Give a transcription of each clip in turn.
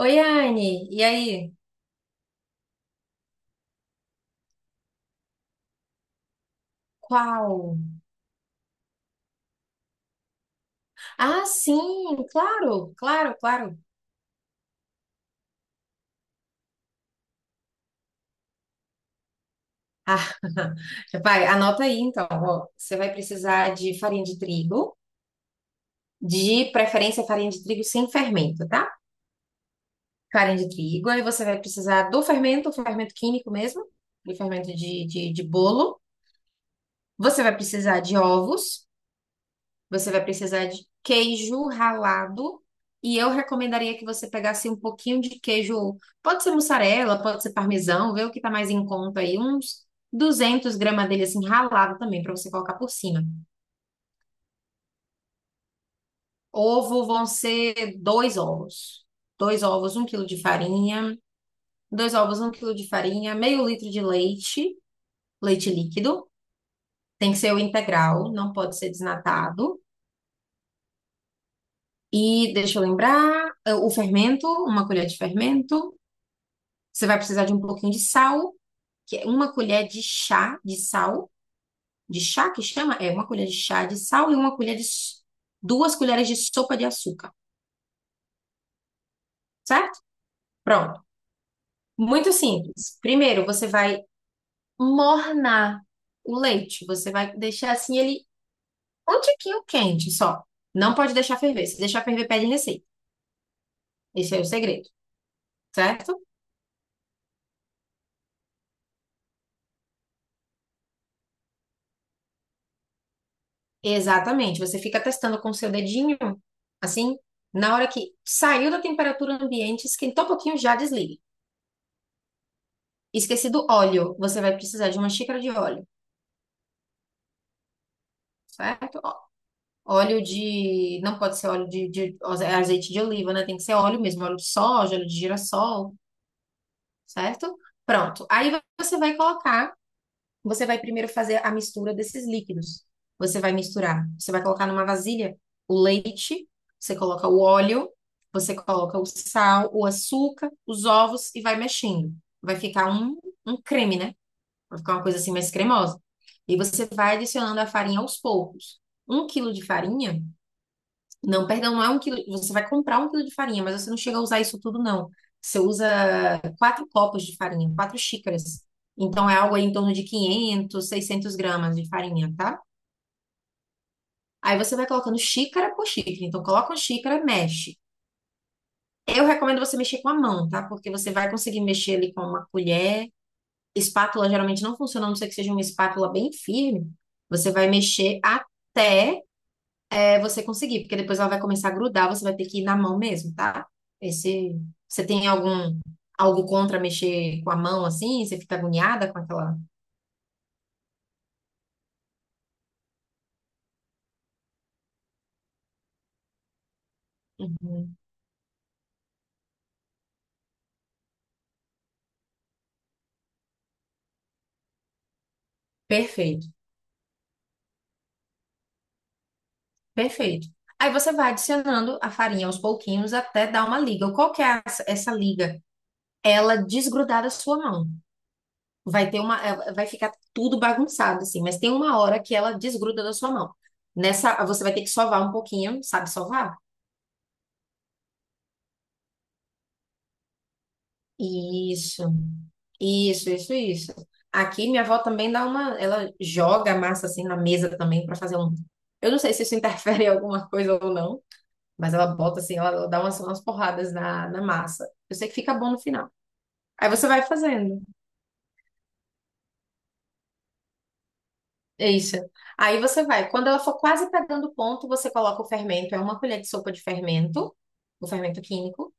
Oi, Anne, e aí? Qual? Ah, sim, claro, claro, claro. Ah, vai, anota aí então. Ó, você vai precisar de farinha de trigo, de preferência farinha de trigo sem fermento, tá? Farinha de trigo, aí você vai precisar do fermento, fermento químico mesmo, do fermento de bolo. Você vai precisar de ovos. Você vai precisar de queijo ralado. E eu recomendaria que você pegasse um pouquinho de queijo. Pode ser mussarela, pode ser parmesão, vê o que tá mais em conta aí. Uns 200 gramas dele assim ralado também, para você colocar por cima. Ovo vão ser dois ovos. Dois ovos, um quilo de farinha. Dois ovos, um quilo de farinha. Meio litro de leite, leite líquido. Tem que ser o integral, não pode ser desnatado. E deixa eu lembrar, o fermento, uma colher de fermento. Você vai precisar de um pouquinho de sal, que é uma colher de chá de sal, de chá que chama? É, uma colher de chá de sal e uma colher de s- 2 colheres de sopa de açúcar, certo? Pronto. Muito simples. Primeiro, você vai mornar o leite. Você vai deixar assim ele um tiquinho quente só. Não pode deixar ferver. Se deixar ferver, perde receita. Esse é o segredo, certo? Exatamente. Você fica testando com o seu dedinho, assim, na hora que saiu da temperatura ambiente, esquentou um pouquinho, já desliga. Esqueci do óleo. Você vai precisar de uma xícara de óleo, certo? Ó, óleo de. Não pode ser óleo de, é azeite de oliva, né? Tem que ser óleo mesmo, óleo de soja, óleo de girassol, certo? Pronto. Aí você vai colocar. Você vai primeiro fazer a mistura desses líquidos. Você vai misturar. Você vai colocar numa vasilha o leite, você coloca o óleo, você coloca o sal, o açúcar, os ovos e vai mexendo. Vai ficar um creme, né? Vai ficar uma coisa assim mais cremosa. E você vai adicionando a farinha aos poucos. Um quilo de farinha, não, perdão, não é um quilo, você vai comprar um quilo de farinha, mas você não chega a usar isso tudo, não. Você usa quatro copos de farinha, quatro xícaras. Então é algo aí em torno de 500, 600 gramas de farinha, tá? Aí você vai colocando xícara por xícara. Então coloca uma xícara, mexe. Eu recomendo você mexer com a mão, tá? Porque você vai conseguir mexer ali com uma colher, espátula geralmente não funciona, a não ser que seja uma espátula bem firme. Você vai mexer até você conseguir, porque depois ela vai começar a grudar, você vai ter que ir na mão mesmo, tá? Esse, você tem algum, algo contra mexer com a mão assim? Você fica agoniada com aquela? Uhum. Perfeito, perfeito. Aí você vai adicionando a farinha aos pouquinhos até dar uma liga. Qual que é essa liga? Ela desgrudar da sua mão. Vai ter uma, vai ficar tudo bagunçado assim, mas tem uma hora que ela desgruda da sua mão. Nessa, você vai ter que sovar um pouquinho, sabe sovar? Isso, isso, isso, isso. Aqui minha avó também dá uma, ela joga a massa assim na mesa também para fazer um. Eu não sei se isso interfere em alguma coisa ou não, mas ela bota assim, ela dá umas porradas na massa. Eu sei que fica bom no final. Aí você vai fazendo. É isso. Aí você vai. Quando ela for quase pegando o ponto, você coloca o fermento. É uma colher de sopa de fermento, o fermento químico.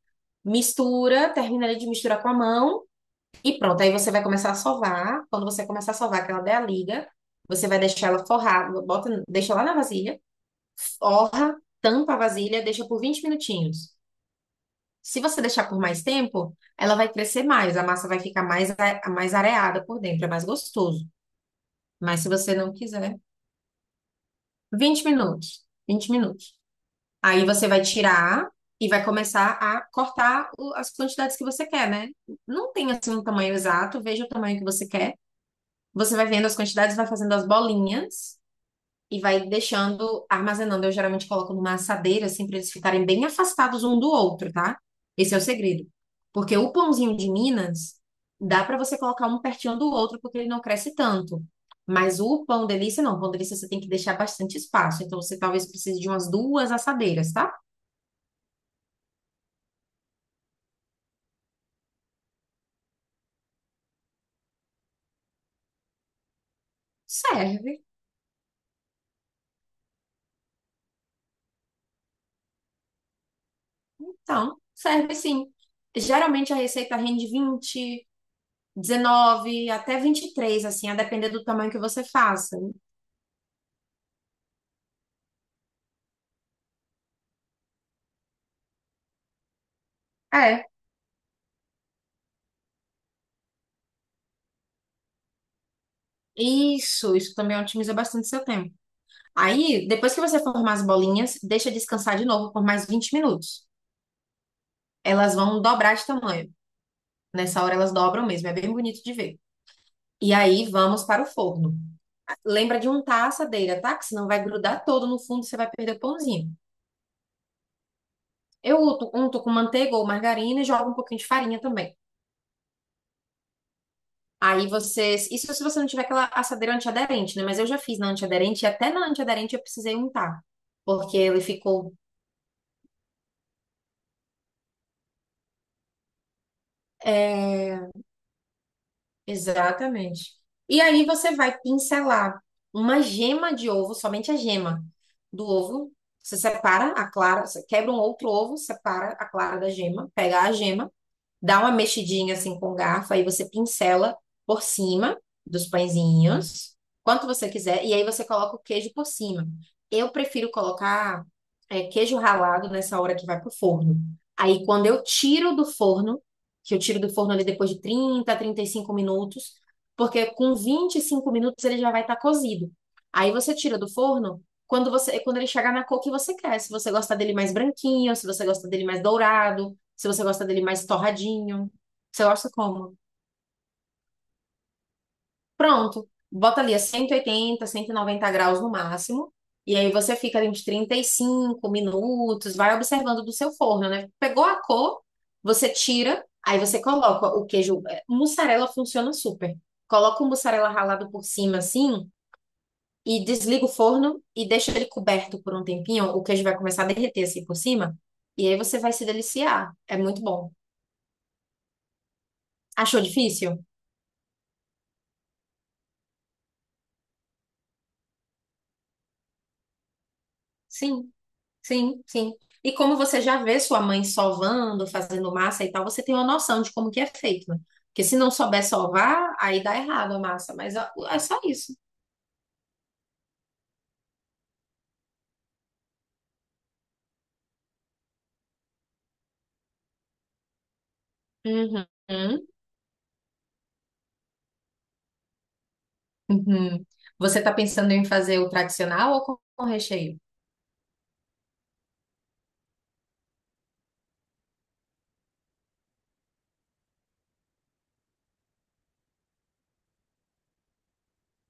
Mistura, termina ali de misturar com a mão e pronto. Aí você vai começar a sovar. Quando você começar a sovar, que ela der a liga, você vai deixar ela forrada, bota, deixa lá na vasilha, forra, tampa a vasilha, deixa por 20 minutinhos. Se você deixar por mais tempo, ela vai crescer mais, a massa vai ficar mais areada por dentro, é mais gostoso. Mas se você não quiser, 20 minutos. 20 minutos. Aí você vai tirar e vai começar a cortar as quantidades que você quer, né? Não tem assim um tamanho exato, veja o tamanho que você quer. Você vai vendo as quantidades, vai fazendo as bolinhas e vai deixando, armazenando. Eu geralmente coloco numa assadeira, assim, para eles ficarem bem afastados um do outro, tá? Esse é o segredo. Porque o pãozinho de Minas dá para você colocar um pertinho do outro, porque ele não cresce tanto. Mas o pão delícia não, o pão delícia você tem que deixar bastante espaço. Então você talvez precise de umas duas assadeiras, tá? Serve. Então, serve sim. Geralmente a receita rende 20, 19, até 23, assim, a depender do tamanho que você faça. É, isso também otimiza bastante seu tempo. Aí, depois que você formar as bolinhas, deixa descansar de novo por mais 20 minutos. Elas vão dobrar de tamanho. Nessa hora elas dobram mesmo, é bem bonito de ver. E aí vamos para o forno. Lembra de untar a assadeira, tá? Que senão vai grudar todo no fundo e você vai perder o pãozinho. Eu unto com manteiga ou margarina e jogo um pouquinho de farinha também. Aí você. Isso se você não tiver aquela assadeira antiaderente, né? Mas eu já fiz na antiaderente e até na antiaderente eu precisei untar. Porque ele ficou. É, exatamente. E aí você vai pincelar uma gema de ovo, somente a gema do ovo. Você separa a clara, você quebra um outro ovo, separa a clara da gema, pega a gema, dá uma mexidinha assim com o garfo, aí você pincela por cima dos pãezinhos, quanto você quiser, e aí você coloca o queijo por cima. Eu prefiro colocar queijo ralado nessa hora que vai pro forno. Aí quando eu tiro do forno, que eu tiro do forno ali depois de 30, 35 minutos, porque com 25 minutos ele já vai estar cozido. Aí você tira do forno quando você, quando ele chegar na cor que você quer, se você gosta dele mais branquinho, se você gosta dele mais dourado, se você gosta dele mais torradinho. Você gosta como? Pronto. Bota ali a 180, 190 graus no máximo. E aí você fica ali uns 35 minutos, vai observando do seu forno, né? Pegou a cor, você tira, aí você coloca o queijo. É, mussarela funciona super. Coloca o mussarela ralado por cima assim e desliga o forno e deixa ele coberto por um tempinho. O queijo vai começar a derreter assim por cima. E aí você vai se deliciar. É muito bom. Achou difícil? Sim. Sim, sim. E como você já vê sua mãe sovando, fazendo massa e tal, você tem uma noção de como que é feito, né? Porque se não souber sovar, aí dá errado a massa, mas é só isso. Uhum. Uhum. Você está pensando em fazer o tradicional ou com recheio?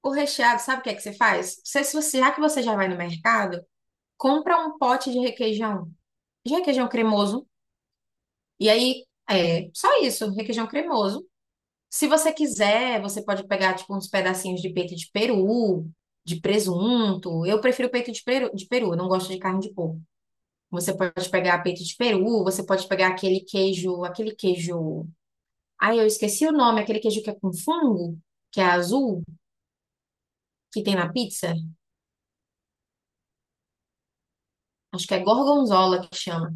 O recheado, sabe o que é que você faz? Você, se você, já que você já vai no mercado, compra um pote de requeijão cremoso, e aí é só isso, requeijão cremoso. Se você quiser, você pode pegar tipo uns pedacinhos de peito de peru, de presunto. Eu prefiro peito de peru, eu não gosto de carne de porco. Você pode pegar peito de peru, você pode pegar aquele queijo, aquele queijo. Ai, eu esqueci o nome, aquele queijo que é com fungo, que é azul, que tem na pizza. Acho que é gorgonzola que chama.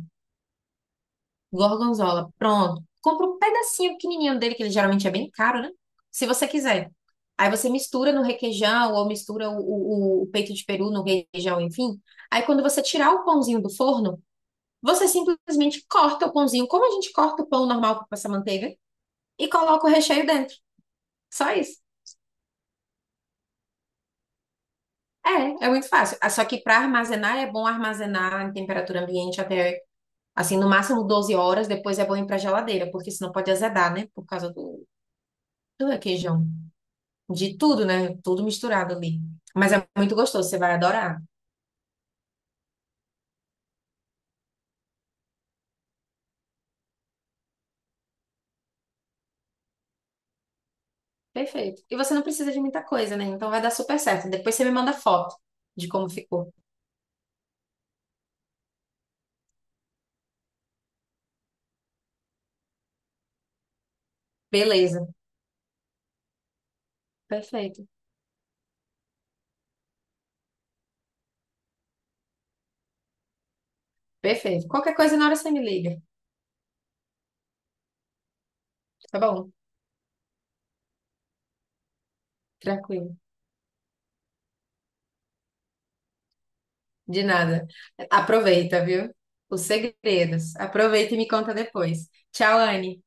Gorgonzola, pronto. Compra um pedacinho pequenininho dele, que ele geralmente é bem caro, né? Se você quiser. Aí você mistura no requeijão ou mistura o peito de peru no requeijão, enfim. Aí quando você tirar o pãozinho do forno, você simplesmente corta o pãozinho, como a gente corta o pão normal para passar manteiga, e coloca o recheio dentro. Só isso. É, é muito fácil. Ah, só que para armazenar é bom armazenar em temperatura ambiente até, assim, no máximo 12 horas, depois é bom ir para geladeira, porque senão pode azedar, né? Por causa do requeijão. De tudo, né? Tudo misturado ali. Mas é muito gostoso, você vai adorar. Perfeito. E você não precisa de muita coisa, né? Então vai dar super certo. Depois você me manda foto de como ficou. Beleza. Perfeito. Perfeito. Qualquer coisa na hora você me liga. Tá bom? Tranquilo. De nada. Aproveita, viu? Os segredos. Aproveita e me conta depois. Tchau, Anne.